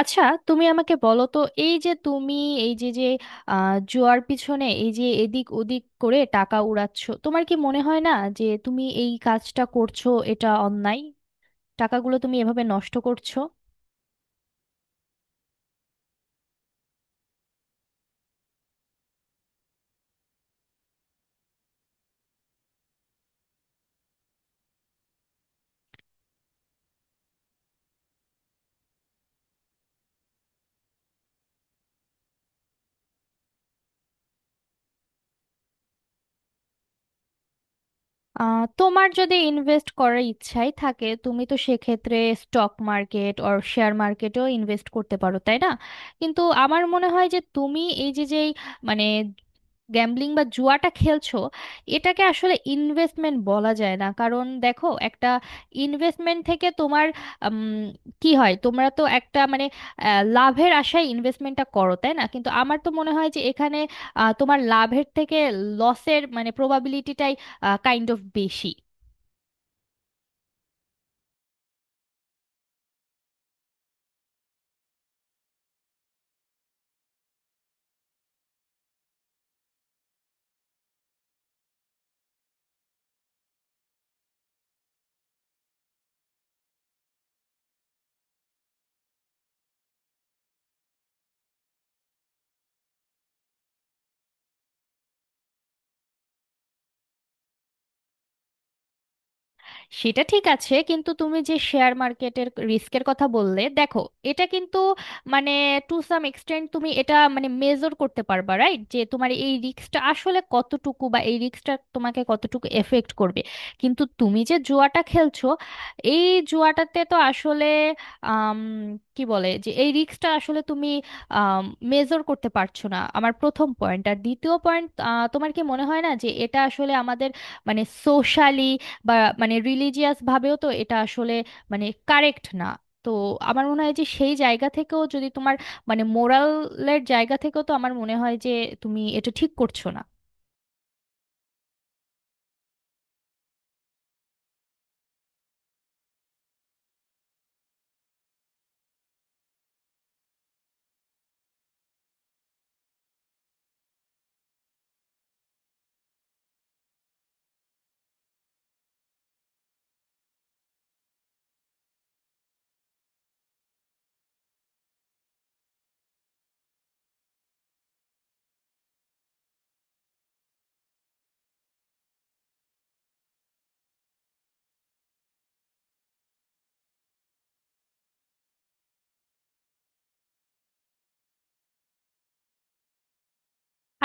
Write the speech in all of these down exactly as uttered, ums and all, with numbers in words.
আচ্ছা, তুমি আমাকে বলো তো, এই যে তুমি এই যে যে আহ, জুয়ার পিছনে এই যে এদিক ওদিক করে টাকা উড়াচ্ছ, তোমার কি মনে হয় না যে তুমি এই কাজটা করছো এটা অন্যায়? টাকাগুলো তুমি এভাবে নষ্ট করছো। আহ, তোমার যদি ইনভেস্ট করার ইচ্ছাই থাকে তুমি তো সেক্ষেত্রে স্টক মার্কেট অর শেয়ার মার্কেটেও ইনভেস্ট করতে পারো, তাই না? কিন্তু আমার মনে হয় যে তুমি এই যে যেই মানে গ্যাম্বলিং বা জুয়াটা খেলছো এটাকে আসলে ইনভেস্টমেন্ট বলা যায় না, কারণ দেখো একটা ইনভেস্টমেন্ট থেকে তোমার উম, কি হয়, তোমরা তো একটা মানে আহ, লাভের আশায় ইনভেস্টমেন্টটা করো, তাই না? কিন্তু আমার তো মনে হয় যে এখানে আহ, তোমার লাভের থেকে লসের মানে প্রবাবিলিটিটাই কাইন্ড অফ বেশি। সেটা ঠিক আছে, কিন্তু তুমি যে শেয়ার মার্কেটের রিস্কের কথা বললে, দেখো এটা কিন্তু মানে টু সাম এক্সটেন্ট তুমি এটা মানে মেজর করতে পারবা, রাইট? যে তোমার এই রিস্কটা আসলে কতটুকু বা এই রিস্কটা তোমাকে কতটুকু এফেক্ট করবে। কিন্তু তুমি যে জুয়াটা খেলছো এই জুয়াটাতে তো আসলে আম, কি বলে, যে এই রিস্কটা আসলে তুমি মেজর করতে পারছো না, আমার প্রথম পয়েন্ট। আর দ্বিতীয় পয়েন্ট, তোমার কি মনে হয় না যে এটা আসলে আমাদের মানে সোশ্যালি বা মানে রিলিজিয়াস ভাবেও তো এটা আসলে মানে কারেক্ট না? তো আমার মনে হয় যে সেই জায়গা থেকেও যদি তোমার মানে মোরালের জায়গা থেকেও, তো আমার মনে হয় যে তুমি এটা ঠিক করছো না।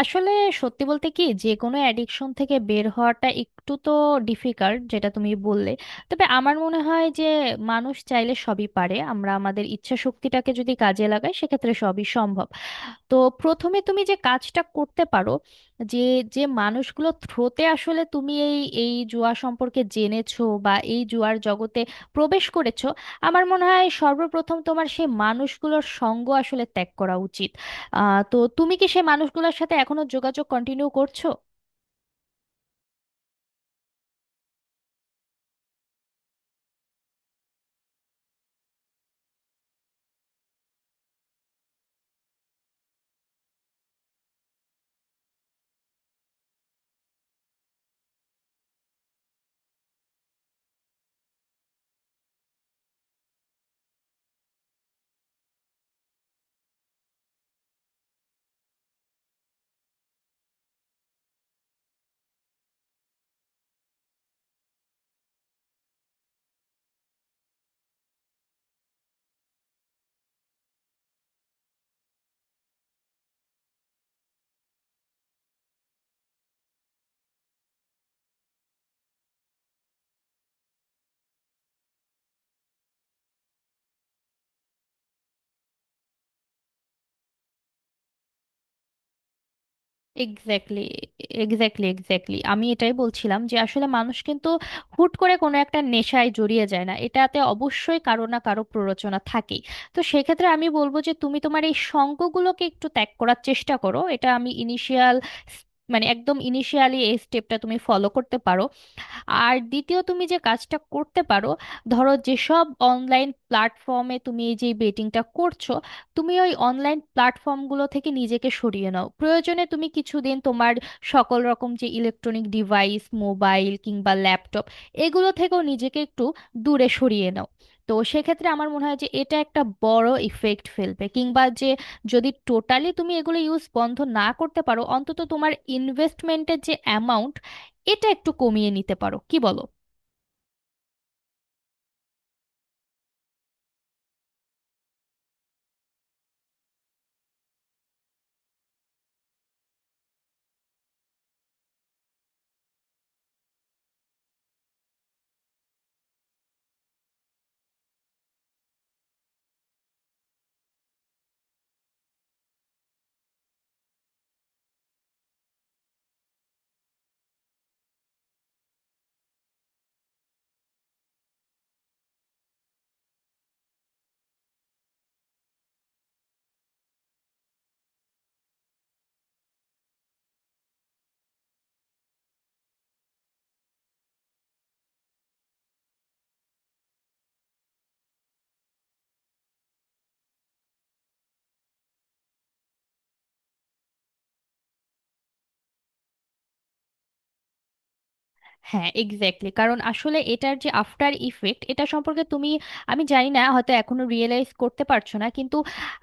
আসলে সত্যি বলতে কি, যে কোনো অ্যাডিকশন থেকে বের হওয়াটা একটু তো ডিফিকাল্ট, যেটা তুমি বললে। তবে আমার মনে হয় যে মানুষ চাইলে সবই পারে, আমরা আমাদের ইচ্ছা শক্তিটাকে যদি কাজে লাগাই সেক্ষেত্রে সবই সম্ভব। তো প্রথমে তুমি যে কাজটা করতে পারো, যে যে মানুষগুলো থ্রোতে আসলে তুমি এই এই জুয়া সম্পর্কে জেনেছো বা এই জুয়ার জগতে প্রবেশ করেছো, আমার মনে হয় সর্বপ্রথম তোমার সেই মানুষগুলোর সঙ্গ আসলে ত্যাগ করা উচিত। আহ তো তুমি কি সেই মানুষগুলোর সাথে এখনো যোগাযোগ কন্টিনিউ করছো? এক্স্যাক্টলি, এক্স্যাক্টলি, এক্স্যাক্টলি, আমি এটাই বলছিলাম যে আসলে মানুষ কিন্তু হুট করে কোনো একটা নেশায় জড়িয়ে যায় না, এটাতে অবশ্যই কারো না কারো প্ররোচনা থাকেই। তো সেক্ষেত্রে আমি বলবো যে তুমি তোমার এই সঙ্গগুলোকে একটু ত্যাগ করার চেষ্টা করো, এটা আমি ইনিশিয়াল মানে একদম ইনিশিয়ালি এই স্টেপটা তুমি ফলো করতে পারো। আর দ্বিতীয় তুমি যে কাজটা করতে পারো, ধরো যেসব অনলাইন প্ল্যাটফর্মে তুমি এই যে বেটিংটা করছো, তুমি ওই অনলাইন প্ল্যাটফর্মগুলো থেকে নিজেকে সরিয়ে নাও। প্রয়োজনে তুমি কিছুদিন তোমার সকল রকম যে ইলেকট্রনিক ডিভাইস মোবাইল কিংবা ল্যাপটপ, এগুলো থেকেও নিজেকে একটু দূরে সরিয়ে নাও। তো সেক্ষেত্রে আমার মনে হয় যে এটা একটা বড় ইফেক্ট ফেলবে, কিংবা যে যদি টোটালি তুমি এগুলো ইউজ বন্ধ না করতে পারো, অন্তত তোমার ইনভেস্টমেন্টের যে অ্যামাউন্ট এটা একটু কমিয়ে নিতে পারো, কি বলো? হ্যাঁ, এক্স্যাক্টলি। কারণ আসলে এটার যে আফটার ইফেক্ট এটা সম্পর্কে তুমি, আমি জানি না হয়তো এখনো রিয়েলাইজ করতে পারছো না, কিন্তু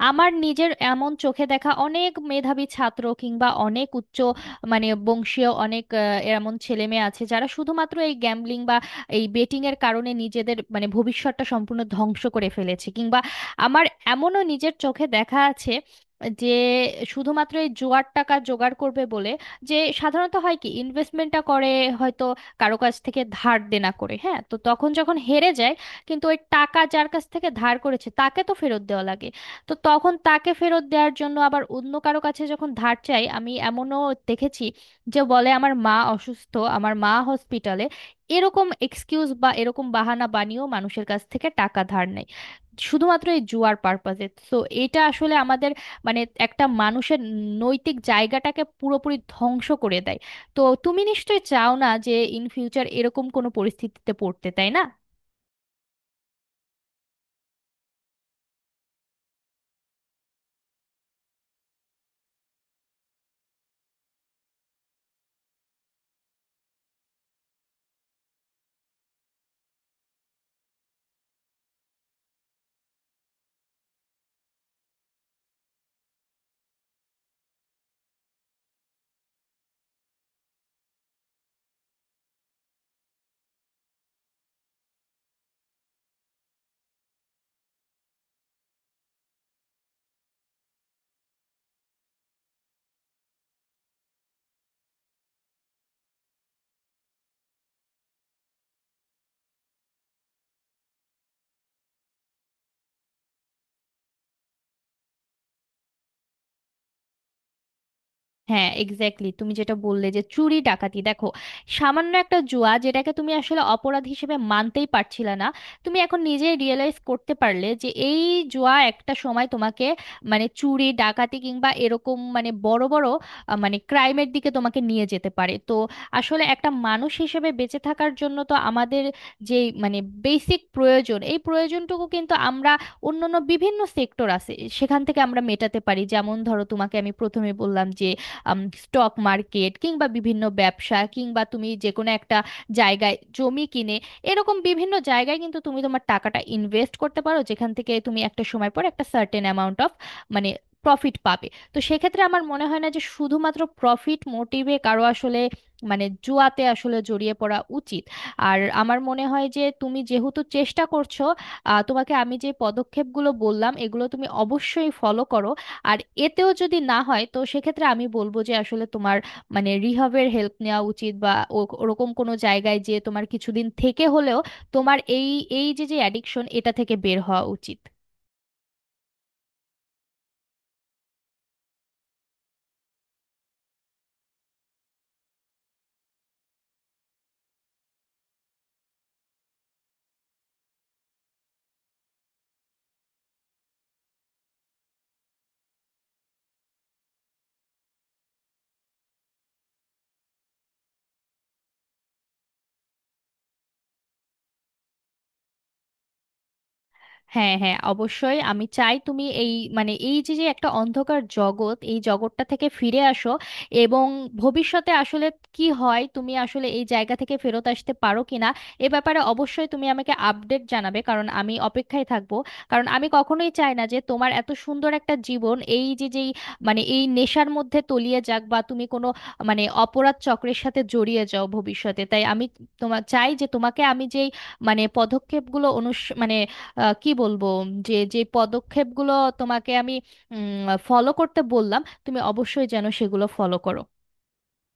আমার নিজের এমন চোখে দেখা অনেক মেধাবী ছাত্র কিংবা অনেক উচ্চ মানে বংশীয় অনেক আহ, এমন ছেলে মেয়ে আছে যারা শুধুমাত্র এই গ্যাম্বলিং বা এই বেটিং এর কারণে নিজেদের মানে ভবিষ্যৎটা সম্পূর্ণ ধ্বংস করে ফেলেছে। কিংবা আমার এমনও নিজের চোখে দেখা আছে যে শুধুমাত্র এই জোয়ার টাকা জোগাড় করবে বলে, যে সাধারণত হয় কি ইনভেস্টমেন্টটা করে হয়তো কারো কাছ থেকে ধার দেনা করে, হ্যাঁ, তো তখন যখন হেরে যায়, কিন্তু ওই টাকা যার কাছ থেকে ধার করেছে তাকে তো ফেরত দেওয়া লাগে। তো তখন তাকে ফেরত দেওয়ার জন্য আবার অন্য কারো কাছে যখন ধার চাই, আমি এমনও দেখেছি যে বলে আমার মা অসুস্থ, আমার মা হসপিটালে, এরকম এক্সকিউজ বা এরকম বাহানা বানিয়েও মানুষের কাছ থেকে টাকা ধার নেয় শুধুমাত্র এই জুয়ার পারপাজে। তো এটা আসলে আমাদের মানে একটা মানুষের নৈতিক জায়গাটাকে পুরোপুরি ধ্বংস করে দেয়। তো তুমি নিশ্চয়ই চাও না যে ইন ফিউচার এরকম কোনো পরিস্থিতিতে পড়তে, তাই না? হ্যাঁ এক্স্যাক্টলি, তুমি যেটা বললে যে চুরি ডাকাতি, দেখো সামান্য একটা জুয়া যেটাকে তুমি আসলে অপরাধ হিসেবে মানতেই পারছিলে না, তুমি এখন নিজে রিয়েলাইজ করতে পারলে যে এই জুয়া একটা সময় তোমাকে মানে চুরি ডাকাতি কিংবা এরকম মানে বড় বড় আহ, মানে ক্রাইমের দিকে তোমাকে নিয়ে যেতে পারে। তো আসলে একটা মানুষ হিসেবে বেঁচে থাকার জন্য তো আমাদের যে মানে বেসিক প্রয়োজন, এই প্রয়োজনটুকু কিন্তু আমরা, অন্যান্য বিভিন্ন সেক্টর আছে সেখান থেকে আমরা মেটাতে পারি। যেমন ধরো, তোমাকে আমি প্রথমে বললাম যে স্টক মার্কেট কিংবা বিভিন্ন ব্যবসা কিংবা তুমি যে কোনো একটা জায়গায় জমি কিনে এরকম বিভিন্ন জায়গায় কিন্তু তুমি তোমার টাকাটা ইনভেস্ট করতে পারো, যেখান থেকে তুমি একটা সময় পর একটা সার্টেন অ্যামাউন্ট অফ মানে প্রফিট পাবে। তো সেক্ষেত্রে আমার মনে হয় না যে শুধুমাত্র প্রফিট মোটিভে কারো আসলে মানে জুয়াতে আসলে জড়িয়ে পড়া উচিত। আর আমার মনে হয় যে তুমি যেহেতু চেষ্টা করছো, আহ, তোমাকে আমি যে পদক্ষেপগুলো বললাম এগুলো তুমি অবশ্যই ফলো করো। আর এতেও যদি না হয় তো সেক্ষেত্রে আমি বলবো যে আসলে তোমার মানে রিহাবের হেল্প নেওয়া উচিত, বা ও- ওরকম কোনো জায়গায় যে তোমার কিছুদিন থেকে হলেও তোমার এই এই যে যে অ্যাডিকশন এটা থেকে বের হওয়া উচিত। হ্যাঁ হ্যাঁ অবশ্যই, আমি চাই তুমি এই মানে এই যে যে একটা অন্ধকার জগৎ এই জগৎটা থেকে ফিরে আসো। এবং ভবিষ্যতে আসলে কি হয় তুমি আসলে এই জায়গা থেকে ফেরত আসতে পারো কিনা, এ ব্যাপারে অবশ্যই তুমি আমাকে আপডেট জানাবে, কারণ আমি অপেক্ষায় থাকবো। কারণ আমি কখনোই চাই না যে তোমার এত সুন্দর একটা জীবন এই যে যেই মানে এই নেশার মধ্যে তলিয়ে যাক বা তুমি কোনো মানে অপরাধ চক্রের সাথে জড়িয়ে যাও ভবিষ্যতে, তাই আমি তোমার চাই যে তোমাকে আমি যেই মানে পদক্ষেপগুলো অনুস মানে আহ, কি বলবো যে যে পদক্ষেপগুলো তোমাকে আমি ফলো করতে বললাম, তুমি অবশ্যই যেন সেগুলো ফলো করো।